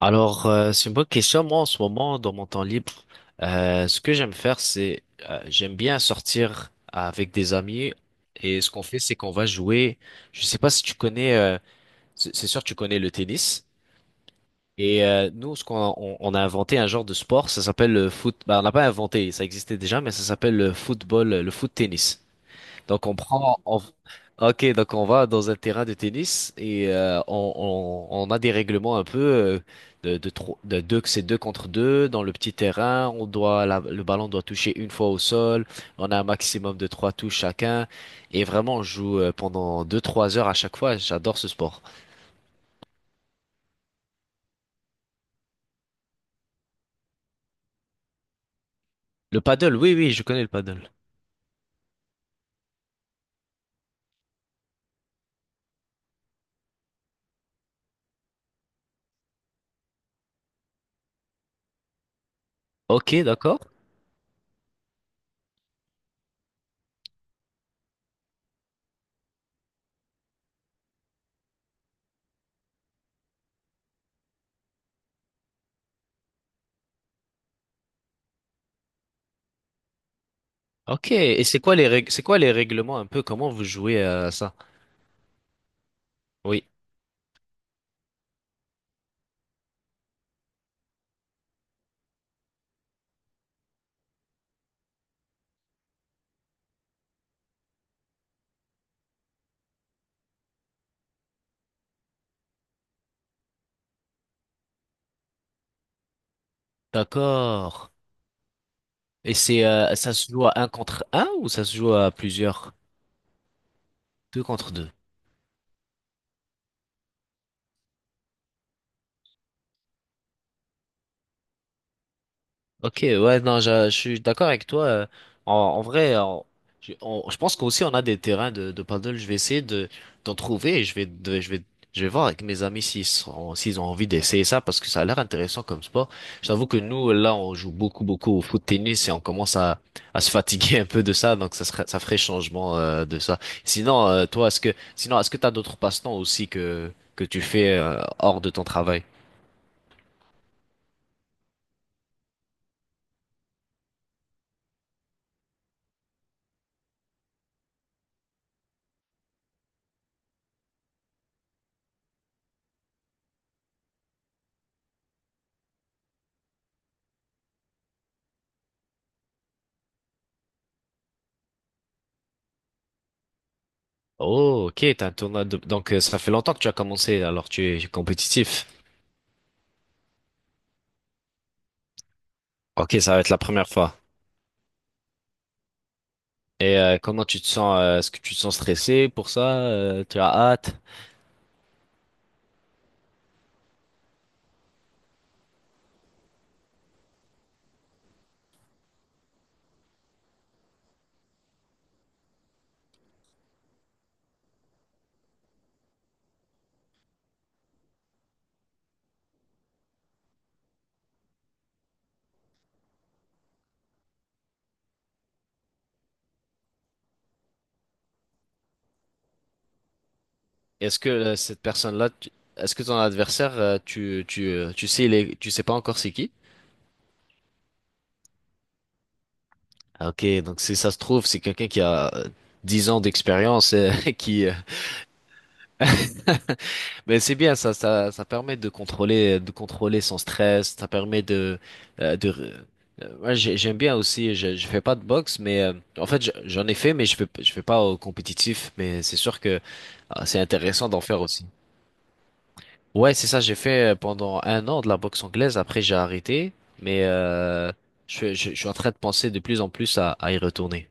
C'est une bonne question. Moi, en ce moment, dans mon temps libre, ce que j'aime faire, c'est j'aime bien sortir avec des amis. Et ce qu'on fait, c'est qu'on va jouer. Je sais pas si tu connais. C'est sûr, tu connais le tennis. Et nous, on a inventé un genre de sport, ça s'appelle le foot. Bah, on n'a pas inventé, ça existait déjà, mais ça s'appelle le football, le foot tennis. Donc on prend, on- ok, donc on va dans un terrain de tennis et on a des règlements un peu de deux, que c'est deux contre deux dans le petit terrain. Le ballon doit toucher une fois au sol. On a un maximum de trois touches chacun et vraiment on joue pendant deux, trois heures à chaque fois. J'adore ce sport. Le paddle, oui, oui, je connais le paddle. Ok, d'accord. Ok, et c'est quoi les règles, c'est quoi les règlements un peu? Comment vous jouez à ça? Oui, d'accord. Et c'est ça se joue à un contre un ou ça se joue à plusieurs? Deux contre deux. Ok, ouais, non, je suis d'accord avec toi. En, en vrai, en- je on- Je pense qu'aussi on a des terrains de paddle. Je vais essayer de d'en trouver. Je vais, je vais voir avec mes amis s'ils ont envie d'essayer ça parce que ça a l'air intéressant comme sport. Je t'avoue que nous, là, on joue beaucoup, beaucoup au foot tennis et on commence à se fatiguer un peu de ça, donc ça serait, ça ferait changement de ça. Sinon, toi, est-ce que t'as d'autres passe-temps aussi que tu fais hors de ton travail? Oh, ok, t'as un tournoi de... Donc, ça fait longtemps que tu as commencé, alors tu es compétitif. Ok, ça va être la première fois. Et comment tu te sens? Est-ce que tu te sens stressé pour ça? Tu as hâte? Est-ce que cette personne-là, est-ce que ton adversaire, tu sais, il est... tu sais pas encore c'est qui? Ah, ok, donc si ça se trouve, c'est quelqu'un qui a 10 ans d'expérience, qui, Mais c'est bien, ça permet de contrôler son stress, ça permet de, euh, de, ouais, j'aime bien aussi, je fais pas de boxe, mais euh, j'en ai fait, mais je fais pas au compétitif, mais c'est sûr que ah, c'est intéressant d'en faire aussi. Ouais, c'est ça, j'ai fait pendant un an de la boxe anglaise, après j'ai arrêté, mais euh, je suis en train de penser de plus en plus à y retourner.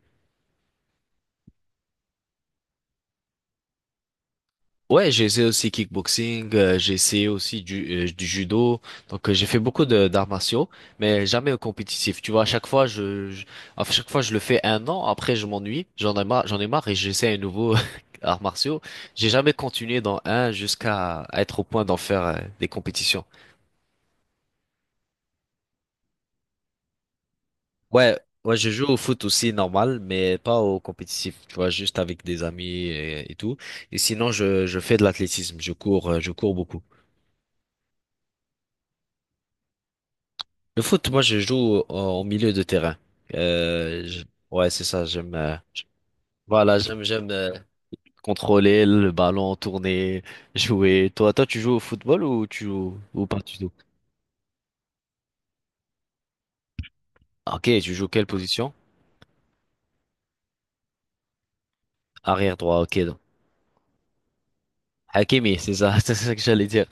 Ouais, j'ai essayé aussi kickboxing, j'ai essayé aussi du judo. Donc j'ai fait beaucoup de d'arts martiaux, mais jamais au compétitif. Tu vois, à chaque fois je le fais un an, après je m'ennuie, j'en ai marre et j'essaie un nouveau arts martiaux. J'ai jamais continué dans un jusqu'à à être au point d'en faire des compétitions. Ouais, ouais, je joue au foot aussi normal, mais pas au compétitif. Tu vois, juste avec des amis et tout. Et sinon je fais de l'athlétisme, je cours beaucoup. Le foot, moi, je joue au milieu de terrain. Euh, je- ouais, c'est ça. Voilà, j'aime contrôler le ballon, tourner, jouer. Toi, tu joues au football ou tu joues ou pas du tout? Ah, ok, tu joues quelle position? Arrière droit. Ok, donc Hakimi, c'est ça, c'est ça que j'allais dire.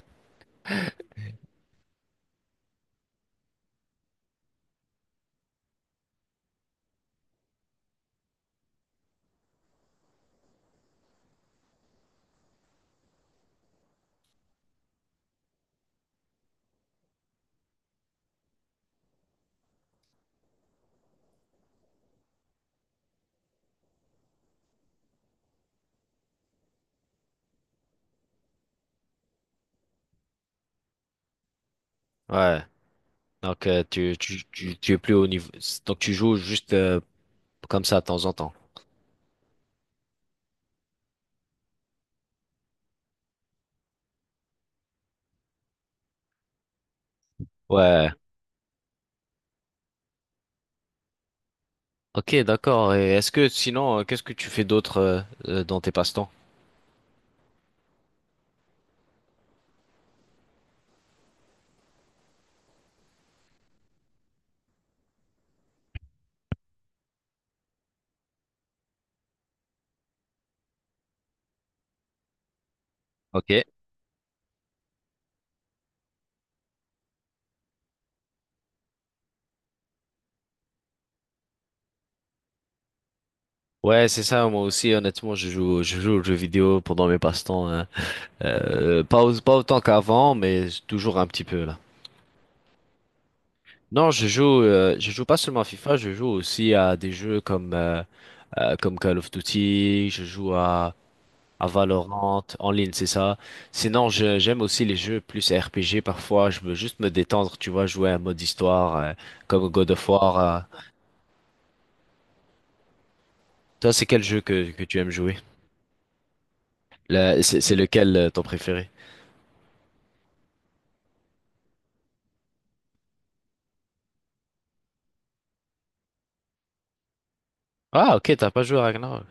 Ouais. Donc, tu es plus au niveau. Donc, tu joues juste comme ça de temps en temps. Ouais. Ok, d'accord. Et est-ce que sinon, qu'est-ce que tu fais d'autre dans tes passe-temps? Ok. Ouais, c'est ça, moi aussi, honnêtement, je joue aux jeux vidéo pendant mes passe-temps. Hein. Pas autant qu'avant, mais toujours un petit peu là. Non, je joue pas seulement à FIFA, je joue aussi à des jeux comme comme Call of Duty, à Valorant, en ligne, c'est ça. Sinon, j'aime aussi les jeux plus RPG parfois, je veux juste me détendre, tu vois, jouer à un mode histoire, comme God of War. Euh. Toi, c'est quel jeu que tu aimes jouer? C'est lequel ton préféré? Ah, ok, t'as pas joué à Ragnarok.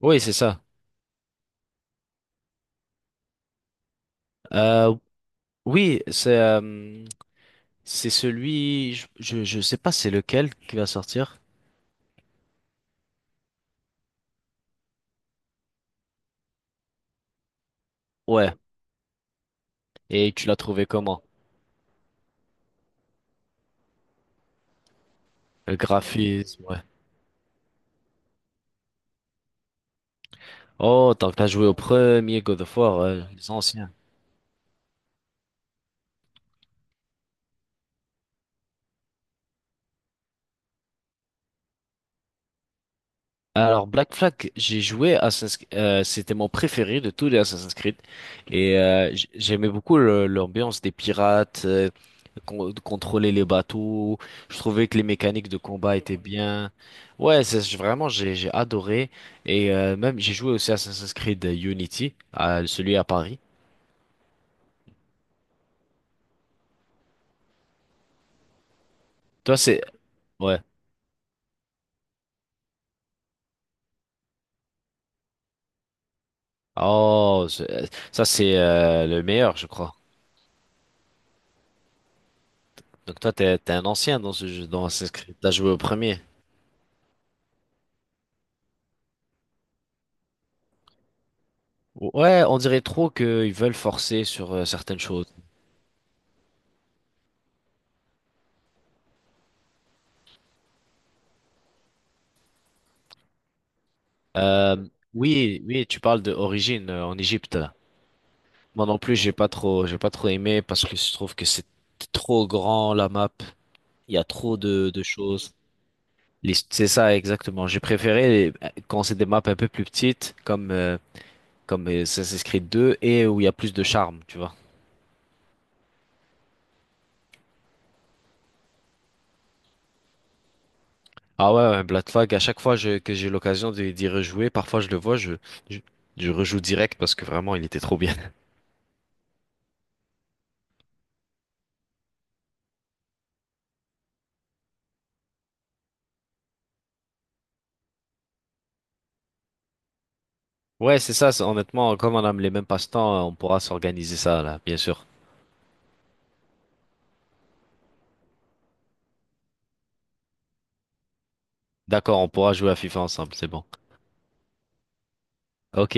Oui, c'est ça. Euh, oui, c'est euh, c'est celui, je sais pas c'est lequel qui va sortir. Ouais. Et tu l'as trouvé comment? Le graphisme, ouais. Oh, tant que t'as joué au premier God of War, ouais, les anciens. Alors Black Flag, j'ai joué Assassin's, c'était mon préféré de tous les Assassin's Creed et j'aimais beaucoup l'ambiance des pirates, euh, de contrôler les bateaux. Je trouvais que les mécaniques de combat étaient bien. Ouais, vraiment j'ai adoré et même j'ai joué aussi Assassin's Creed Unity, à, celui à Paris. Toi c'est ouais. Oh, ça c'est le meilleur, je crois. Donc toi t'es un ancien dans ce jeu, dans Assassin's Creed. T'as joué au premier. Ouais, on dirait trop qu'ils veulent forcer sur certaines choses. Euh, oui, oui, tu parles de d'origine en Égypte. Moi non plus, j'ai pas trop aimé parce que je trouve que c'est trop grand la map. Il y a trop de choses. C'est ça exactement. J'ai préféré quand c'est des maps un peu plus petites, comme Assassin's Creed 2 et où il y a plus de charme, tu vois. Ah ouais, ouais, Black Flag. À chaque fois je- Que j'ai l'occasion d'y rejouer, parfois je le vois, je je rejoue direct parce que vraiment il était trop bien. Ouais, c'est ça. Honnêtement, comme on a les mêmes passe-temps, on pourra s'organiser ça, là, bien sûr. D'accord, on pourra jouer à FIFA ensemble, c'est bon. Ok.